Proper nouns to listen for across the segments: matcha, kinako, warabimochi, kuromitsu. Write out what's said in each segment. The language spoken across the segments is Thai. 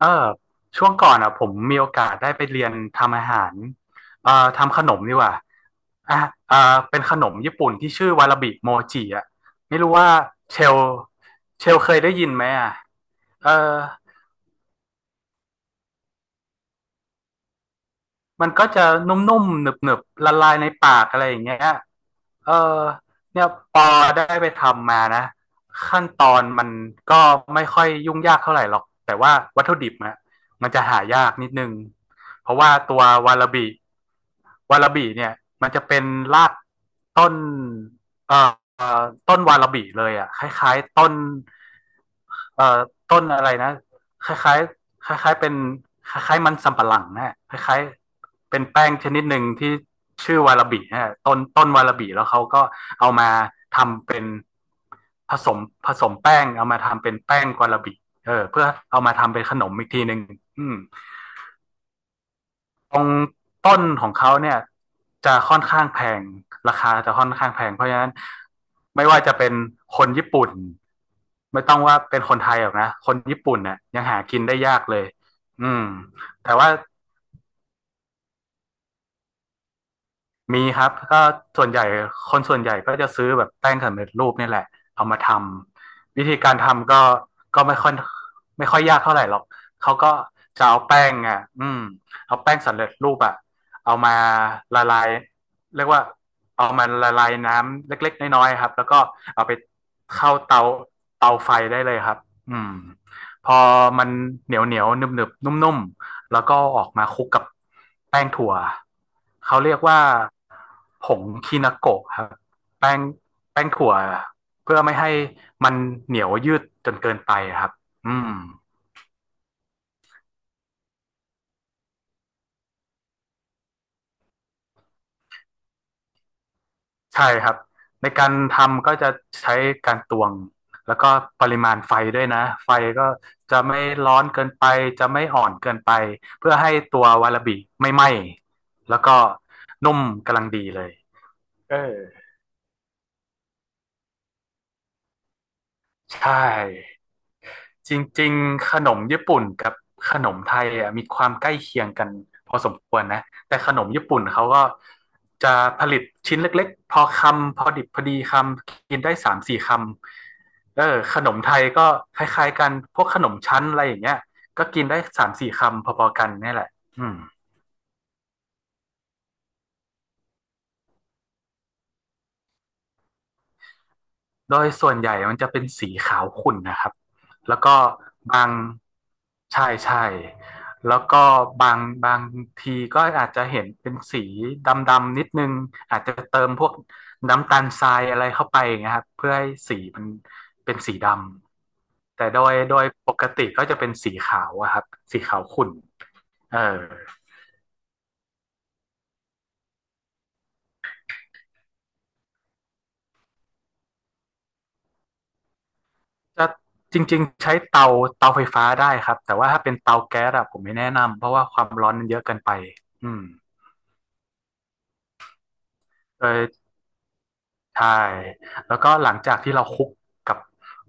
เออช่วงก่อนอ่ะผมมีโอกาสได้ไปเรียนทำอาหารทำขนมดีกว่าอ่ะเอ่อเป็นขนมญี่ปุ่นที่ชื่อวาราบิโมจิอ่ะไม่รู้ว่าเชลเชลเคยได้ยินไหมอ่ะเออมันก็จะนุ่มๆหนึบๆละลายในปากอะไรอย่างเงี้ย เออเนี่ยปอได้ไปทำมานะขั้นตอนมันก็ไม่ค่อยยุ่งยากเท่าไหร่หรอกแต่ว่าวัตถุดิบอะมันจะหายากนิดนึงเพราะว่าตัววาลาบิวาลาบิเนี่ยมันจะเป็นรากต้นเอ่อเอ่อต้นวาลาบิเลยอะคล้ายๆต้นเอ่อต้นอะไรนะ คล้ายๆคล้ายๆเป็นคล้ายๆมันสำปะหลังนะะคล้ายๆเป็นแป้งชนิดหนึ่งที่ชื่อวาลาบินะะต้นวาลาบิแล้วเขาก็เอามาทำเป็นผสมผสมแป้งเอามาทำเป็นแป้งวาลาบิเออเพื่อเอามาทำเป็นขนมอีกทีหนึ่งอืม ตรงต้นของเขาเนี่ยจะค่อนข้างแพงราคาจะค่อนข้างแพงเพราะฉะนั้นไม่ว่าจะเป็นคนญี่ปุ่นไม่ต้องว่าเป็นคนไทยหรอกนะคนญี่ปุ่นเนี่ยยังหากินได้ยากเลยอืมแต่ว่า มีครับส่วนใหญ่คนส่วนใหญ่ก็จะซื้อแบบแป้งสำเร็จรูปนี่แหละเอามาทำวิธีการทำก็ก็ไม่ค่อยไม่ค่อยยากเท่าไหร่หรอกเขาก็จะเอาแป้งอ่ะอืมเอาแป้งสำเร็จรูปอ่ะเอามาละลายเรียกว่าเอามาละลายน้ำเล็กๆน้อยๆครับแล้วก็เอาไปเข้าเตาเตาไฟได้เลยครับอืมพอมันเหนียวเหนียวหนึบหนึบนุ่มๆแล้วก็ออกมาคลุกกับแป้งถั่วเขาเรียกว่า ผงคินาโกะครับแป้งแป้งถั่วเพื่อไม่ให้มันเหนียวยืดจนเกินไปครับอืมใช่ครับในการทำก็จะใช้การตวงแล้วก็ปริมาณไฟด้วยนะไฟก็จะไม่ร้อนเกินไปจะไม่อ่อนเกินไปเพื่อให้ตัววาลาบิไม่ไหม้แล้วก็นุ่มกำลังดีเลยเออใช่ จริงๆขนมญี่ปุ่นกับขนมไทยอ่ะมีความใกล้เคียงกันพอสมควรนะแต่ขนมญี่ปุ่นเขาก็จะผลิตชิ้นเล็กๆพอคำพอดิบพอดีคำกินได้สามสี่คำเออขนมไทยก็คล้ายๆกันพวกขนมชั้นอะไรอย่างเงี้ยก็กินได้สามสี่คำพอๆกันนี่แหละอืม โดยส่วนใหญ่มันจะเป็นสีขาวขุ่นนะครับ แล้วก็บางใช่ใช่แล้วก็บางทีก็อาจจะเห็นเป็นสีดำๆนิดนึง อาจจะเติมพวกน้ำตาลทรายอะไรเข้าไปอย่างเงี้ยครับเพื่อให้สีมันเป็นสีดำ แต่โดยปกติก็จะเป็นสีขาวอะครับสีขาวขุ่นเออจะจริงๆใช้เตาเตาไฟฟ้าได้ครับ แต่ว่าถ้าเป็นเตาแก๊สอะผมไม่แนะนำเพราะว่าความร้อนมันเยอะเกินไปอืม โดยใช่แล้วก็หลังจากที่เราคลุกกับ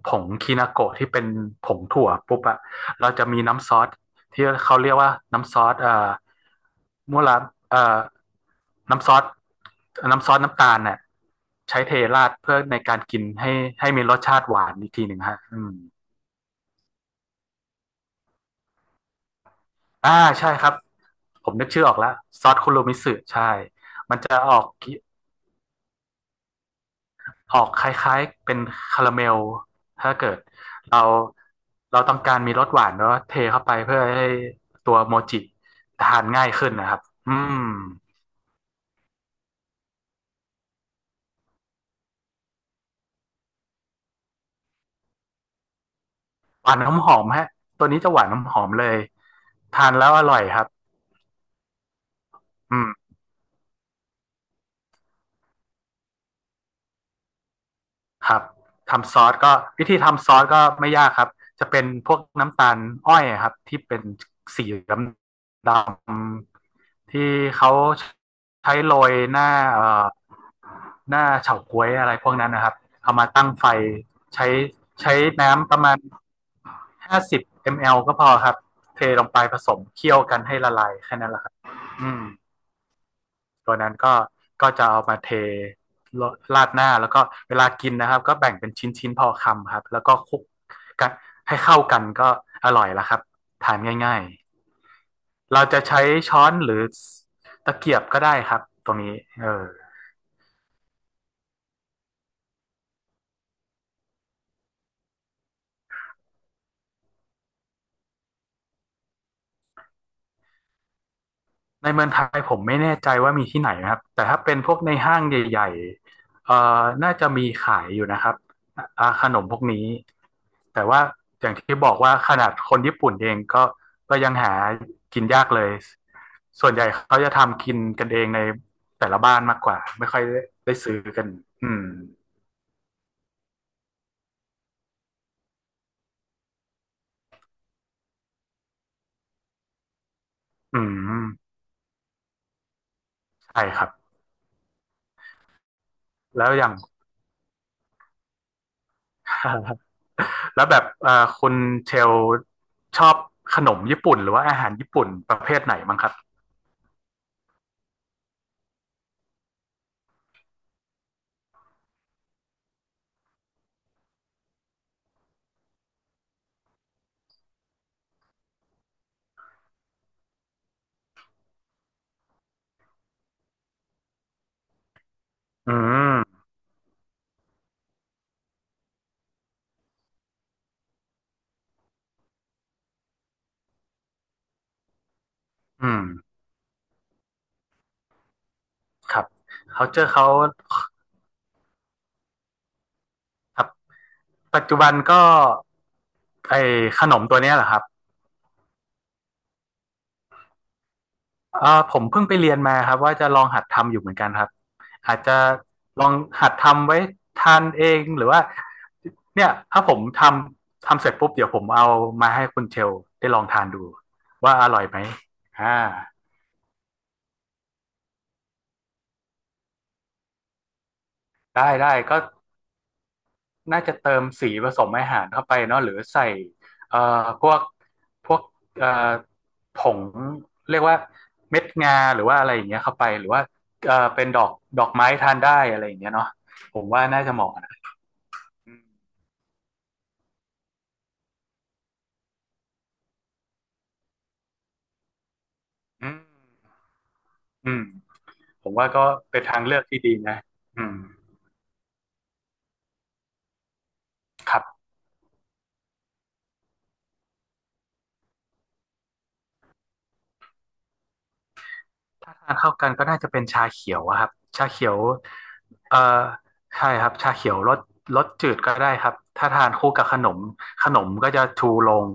ผงคินาโกะที่เป็นผงถั่วปุ๊บอะเราจะมีน้ำซอสที่เขาเรียกว่าน้ำซอสมุระเอ่อน้ำซอสน้ำซอสน้ำตาลเนี่ยใช้เทราดเพื่อในการกินให้ให้มีรสชาติหวานอีกทีหนึ่งฮะอืมอ่าใช่ครับผมนึกชื่อออกแล้วซอสคุโรมิสึใช่มันจะออก ออกคล้ายๆเป็นคาราเมลถ้าเกิดเราเราต้องการมีรสหวานเนาะเทเข้าไปเพื่อให้ตัวโมจิทานง่ายขึ้นนะครับอืมหวานน้ำหอมฮะตัวนี้จะหวานน้ำหอมเลยทานแล้วอร่อยครับอืม ครับทำซอสก็วิธีทำซอสก็ไม่ยากครับจะเป็นพวกน้ำตาลอ้อยครับที่เป็นสีดดำที่เขาใช้โรยหน้าหน้าเฉาก๊วยอะไรพวกนั้นนะครับเอามาตั้งไฟใช้ใช้น้ำประมาณ50 ml ก็พอครับเทลงไปผสมเคี่ยวกันให้ละลายแค่นั้นแหละครับอืม ตัวนั้นก็ก็จะเอามาเทราดหน้าแล้วก็เวลากินนะครับก็แบ่งเป็นชิ้นๆพอคำครับแล้วก็คลุกกันให้เข้ากันก็อร่อยแล้วครับทานง่ายๆเราจะใช้ช้อนหรือตะเกียบก็ได้ครับตรงนี้เออในเมืองไทยผมไม่แน่ใจว่ามีที่ไหนนะครับแต่ถ้าเป็นพวกในห้างใหญ่ๆน่าจะมีขายอยู่นะครับอ่าขนมพวกนี้แต่ว่าอย่างที่บอกว่าขนาดคนญี่ปุ่นเองก็ก็ยังหากินยากเลย ส่วนใหญ่เขาจะทำกินกันเองในแต่ละบ้านมากกว่าไม่ค่อยได้ซื้อกันอืมอืมใช่ครับแล้วอย่าง แล้วแบบคุณเชลชอบขนมญี่ปุ่นหรือว่าอาหารญี่ปุ่นประเภทไหนมั้งครับอืมอืมครับเขาเจอเขาครับปัจจุบันก็ไอขนมตัวเนี้ยแหละครับ อ่าผมเพิ่งไปเรียนมาครับว่าจะลองหัดทำอยู่เหมือนกันครับอาจจะลองหัดทำไว้ทานเองหรือว่าเนี่ยถ้าผมทำเสร็จปุ๊บเดี๋ยวผมเอามาให้คุณเชลได้ลองทานดูว่าอร่อยไหมอ่าได้ก็น่าจะเติมสีผสมอาหารเข้าไปเนาะหรือใส่เอ่อพวกพวกเอ่อผงเรียกว่าเม็ดงาหรือว่าอะไรอย่างเงี้ยเข้าไปหรือว่าเป็นดอกไม้ทานได้อะไรอย่างเงี้ยเนาะผมว่าน่าจะเหมาะ อืมอืมอืมผมว่าก็เป็นทางเลือกที่ดีนะอืมครับถ้าทานเข้ากันก็น่าจะเป็นชาเขียวอะครับชาเขียวเอ่อใช่ครับชาเขียวรสจืดก็ได้ครับถ้าทานคู่กับขนมขนมก็จะชูลง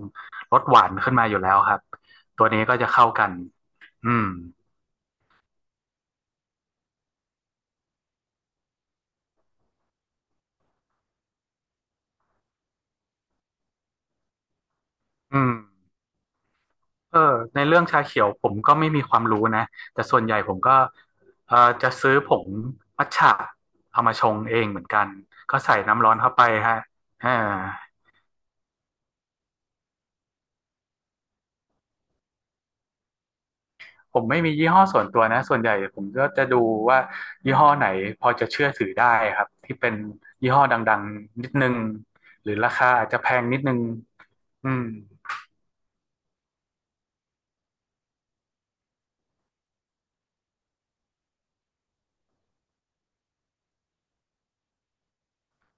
รสหวานขึ้นมาอยู่แล้วครับตัวนี้ก็จะเข้ากันอืมอืม เออในเรื่องชาเขียวผมก็ไม่มีความรู้นะแต่ส่วนใหญ่ผมก็เออจะซื้อผงมัทฉะเอามาชงเองเหมือนกันก็ใส่น้ำร้อนเข้าไปฮะเอาผมไม่มียี่ห้อส่วนตัวนะส่วนใหญ่ผมก็จะดูว่ายี่ห้อไหนพอจะเชื่อถือได้ครับที่เป็นยี่ห้อดังๆนิดนึงหรือราคาอาจจะแพงนิดนึงอืม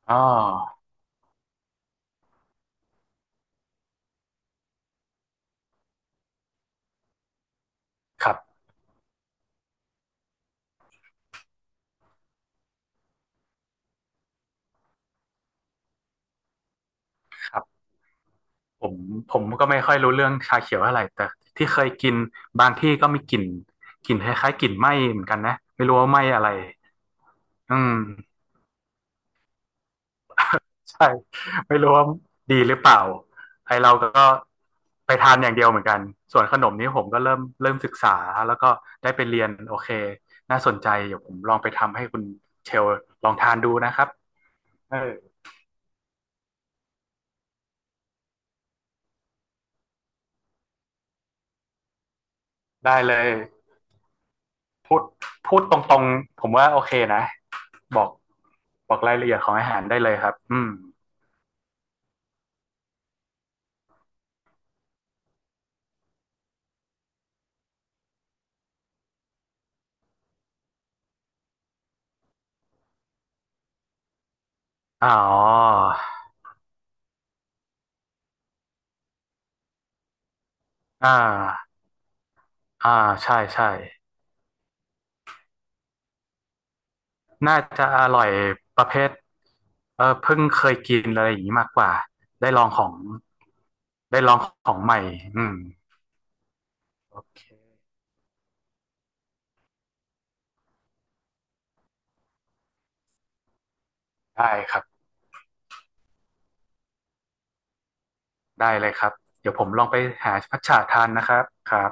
อ๋อครับครับ ผมผมก็ไม่ค่อยรู้เรื่องชาเขียวเท่าไหร่แต่ที่เคยกินบางที่ก็มีกลิ่นกลิ่นคล้ายๆกลิ่นไหม้เหมือนกันนะไม่รู้ว่าไหม้อะไรอืมใช่ไม่รู้ว่าดีหรือเปล่าไอเราก็ไปทานอย่างเดียวเหมือนกันส่วนขนมนี้ผมก็เริ่มศึกษาแล้วก็ได้ไปเรียนโอเคน่าสนใจเดี๋ยวผมลองไปทำให้คุณเชลลองทานดูนะครับเออได้เลยพูดพูดตรงๆผมว่าโอเคนะบอกบอกรายละเอียดของอาหารได้เลยครับอืม อ๋ออ่าอ่าใช่ใช่น่าจะอร่อยประเภทเออเพิ่งเคยกินอะไรอย่างนี้มากกว่า ได้ลองของ ได้ลองของใหม่อืมโอเค ได้ครับ ได้เลยครับ เดี๋ยวผมลองไปหามัทฉะทานนะครับครับ